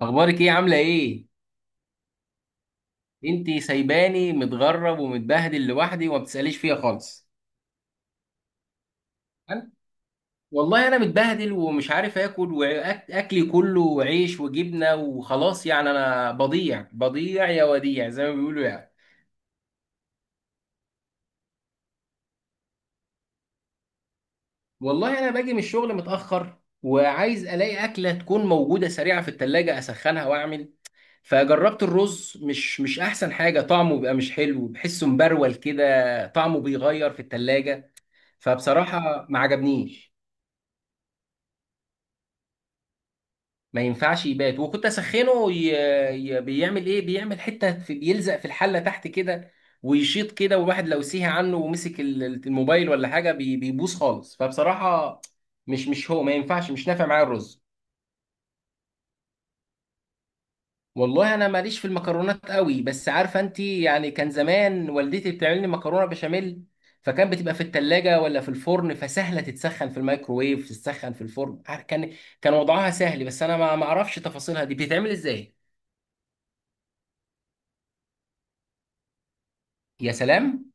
اخبارك ايه؟ عامله ايه؟ انت سايباني متغرب ومتبهدل لوحدي وما بتساليش فيها خالص. أنا؟ والله انا متبهدل ومش عارف اكل، واكلي كله عيش وجبنه وخلاص، يعني انا بضيع يا وديع زي ما بيقولوا يعني. والله انا باجي من الشغل متاخر وعايز الاقي اكله تكون موجوده سريعه في التلاجة، اسخنها واعمل. فجربت الرز، مش احسن حاجه، طعمه بيبقى مش حلو، بحسه مبرول كده، طعمه بيغير في التلاجة. فبصراحه ما عجبنيش. ما ينفعش يبات، وكنت اسخنه بيعمل ايه، بيعمل حته بيلزق في الحله تحت كده، ويشيط كده، والواحد لو سيها عنه ومسك الموبايل ولا حاجه بيبوظ خالص. فبصراحه مش هو ما ينفعش، مش نافع معايا الرز. والله انا ماليش في المكرونات قوي، بس عارفه انت يعني كان زمان والدتي بتعمل لي مكرونه بشاميل، فكان بتبقى في التلاجة ولا في الفرن، فسهلة تتسخن في الميكروويف، تتسخن في الفرن، كان كان وضعها سهل، بس انا ما اعرفش تفاصيلها دي بتتعمل ازاي. يا سلام.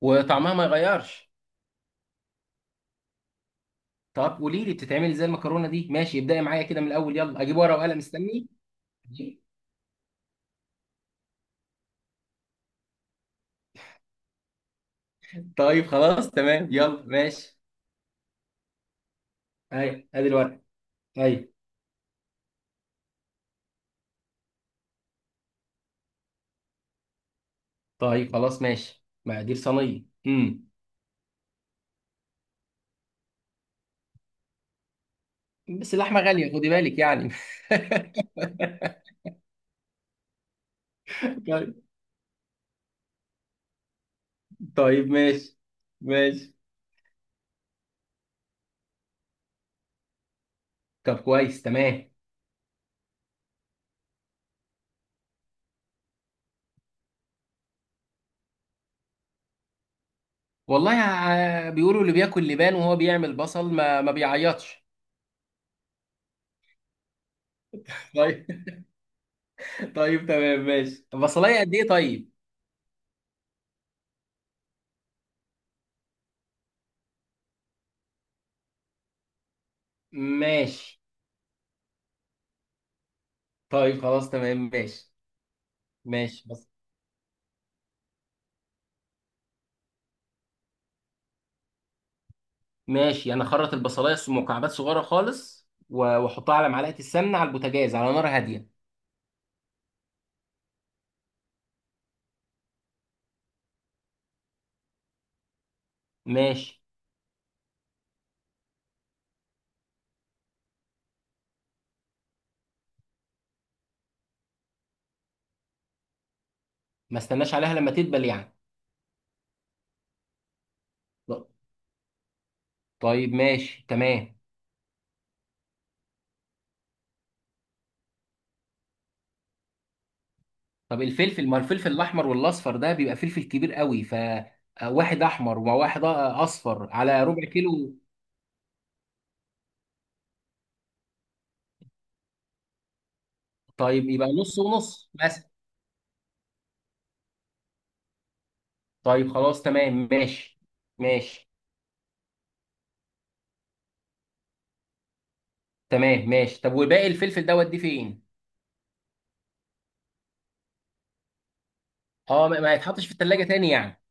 وطعمها ما يغيرش؟ طب قولي لي بتتعمل ازاي المكرونه دي، ماشي، ابدأي معايا كده من الاول، يلا اجيب ورقه وقلم، مستني. طيب خلاص تمام يلا ماشي. اي، ادي الورقه. اي. طيب خلاص ماشي، مقادير صينيه، بس اللحمه غاليه خدي بالك يعني. طيب. طيب ماشي. ماشي. طب كويس تمام. والله بيقولوا اللي بياكل لبان وهو بيعمل بصل ما بيعيطش. طيب. طيب تمام ماشي، بصلايه قد ايه طيب؟ ماشي. طيب خلاص تمام ماشي. ماشي بس. ماشي، انا اخرط البصلايه، مكعبات صغيره خالص، واحطها على معلقه السمنه على البوتاجاز على نار هاديه. ماشي ما استناش عليها لما تدبل يعني. ط- طيب ماشي تمام. طب الفلفل، ما الفلفل الاحمر والاصفر ده بيبقى فلفل كبير قوي، ف واحد احمر وواحد اصفر على ربع كيلو؟ طيب يبقى نص ونص مثلا. طيب خلاص تمام ماشي. ماشي تمام ماشي، طب وباقي الفلفل ده اوديه فين؟ اه، ما يتحطش في التلاجة تاني يعني؟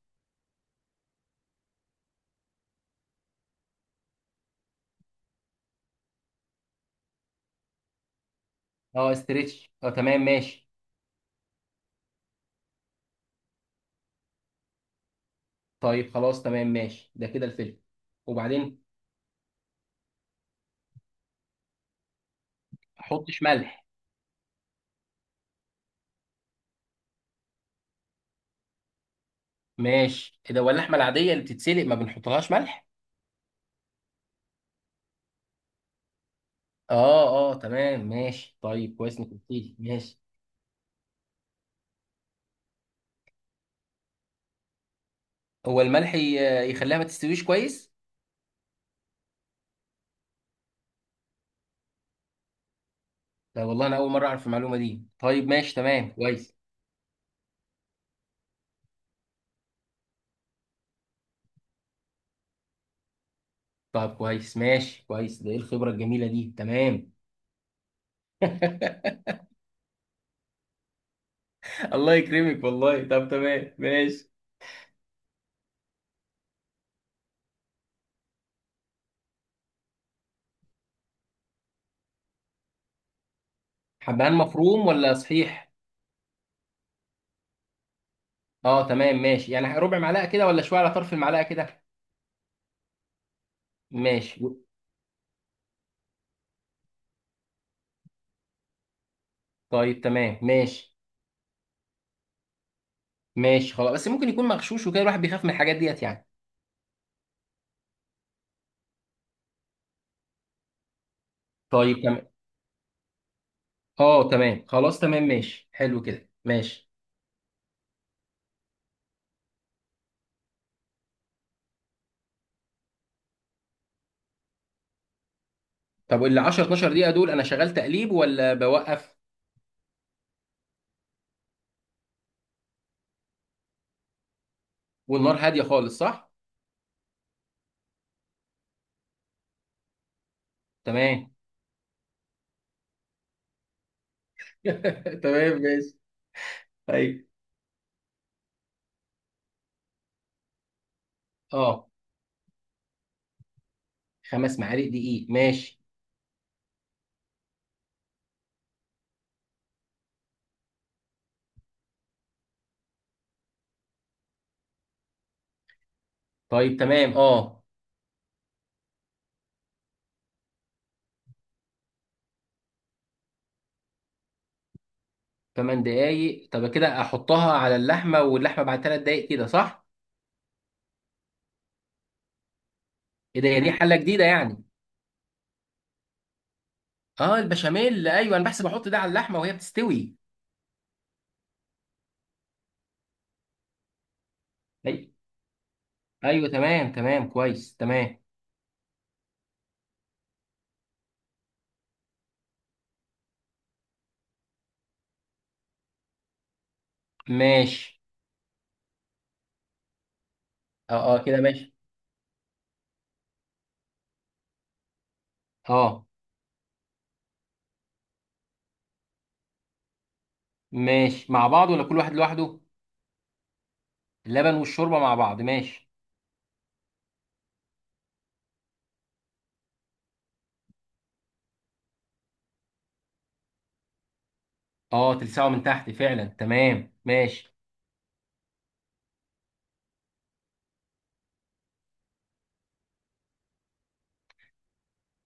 اه استريتش، اه تمام ماشي. طيب خلاص تمام ماشي، ده كده الفلفل. وبعدين ما احطش ملح؟ ماشي. إيه ده، واللحمه العاديه اللي بتتسلق ما بنحطلهاش ملح؟ اه اه تمام ماشي، طيب كويس انك قلت لي، ماشي. هو الملح يخليها ما تستويش كويس؟ لا والله انا اول مره اعرف المعلومه دي، طيب ماشي تمام كويس. طب كويس ماشي كويس، ده ايه الخبره الجميله دي، تمام. الله يكرمك والله، طب تمام ماشي. حبهان مفروم ولا صحيح؟ اه تمام ماشي، يعني ربع معلقه كده ولا شويه على طرف المعلقه كده؟ ماشي. طيب تمام ماشي. ماشي خلاص، بس ممكن يكون مغشوش وكده، الواحد بيخاف من الحاجات ديت يعني. طيب تمام. اه تمام خلاص تمام ماشي، حلو كده ماشي. طب ال 10 12 دقيقه دول انا شغال تقليب ولا بوقف؟ والنار هاديه خالص صح؟ تمام. تمام ماشي. طيب. اه، خمس معالق دقيق ماشي. طيب تمام اه. ثمان دقايق، طب كده احطها على اللحمه، واللحمه بعد ثلاث دقايق كده صح؟ ايه ده، هي دي حله جديده يعني؟ اه البشاميل، ايوه، انا بحسب احط ده على اللحمه وهي بتستوي. أي. ايوه تمام، تمام كويس تمام. ماشي. اه اه كده ماشي. اه. ماشي، مع بعض ولا كل واحد لوحده؟ اللبن والشوربه مع بعض ماشي. اه تلسعه من تحت فعلا، تمام ماشي.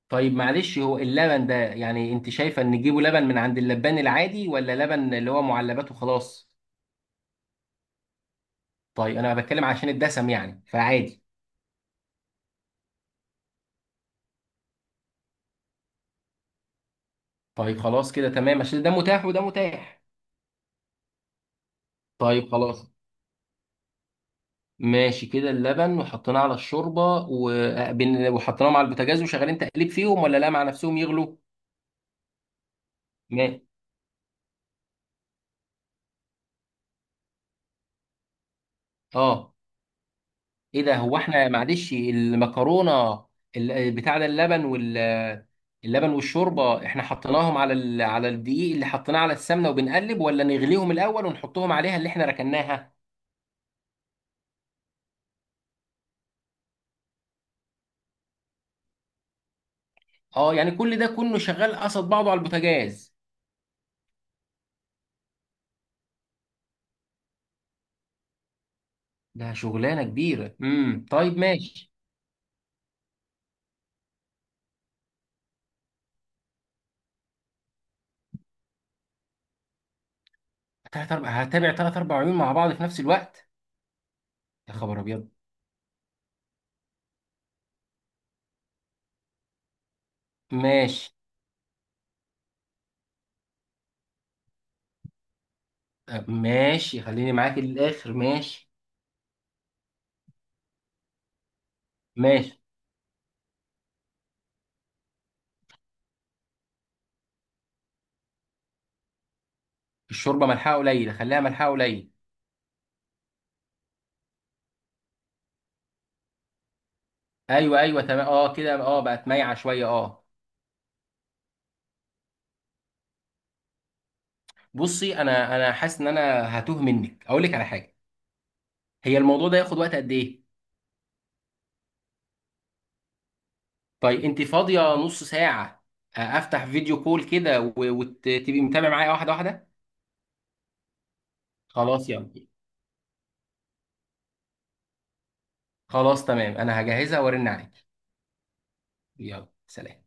طيب معلش، هو اللبن ده يعني انت شايفه ان نجيبه لبن من عند اللبان العادي ولا لبن اللي هو معلبات وخلاص؟ طيب انا بتكلم عشان الدسم يعني، فعادي. طيب خلاص كده تمام، عشان ده متاح وده متاح. طيب خلاص ماشي كده، اللبن وحطيناه على الشوربه، وحطيناهم على البوتاجاز وشغالين تقليب فيهم ولا لا مع نفسهم يغلوا؟ ما اه، ايه ده، هو احنا معلش المكرونه، بتاع ده، اللبن اللبن والشوربه احنا حطيناهم على على الدقيق اللي حطيناه على السمنه، وبنقلب ولا نغليهم الاول ونحطهم عليها اللي احنا ركناها؟ اه يعني كل ده كله شغال قصد بعضه على البوتاجاز؟ ده شغلانه كبيره، طيب ماشي. تلات اربع هتابع، ثلاث اربع عيون مع بعض في نفس الوقت؟ يا خبر ابيض. ماشي. ماشي، خليني معاك للاخر ماشي. ماشي. الشوربه ملحها قليل، خليها ملحها قليل. ايوه ايوه تمام، اه كده، اه بقت مايعه شويه اه. بصي، انا حاسس ان انا هتوه منك، اقول لك على حاجه، هي الموضوع ده ياخد وقت قد ايه؟ طيب انت فاضيه نص ساعه؟ افتح فيديو كول كده وتبقي متابع معايا واحده واحده. خلاص يلا. خلاص تمام، انا هجهزها وارن عليك. يلا سلام.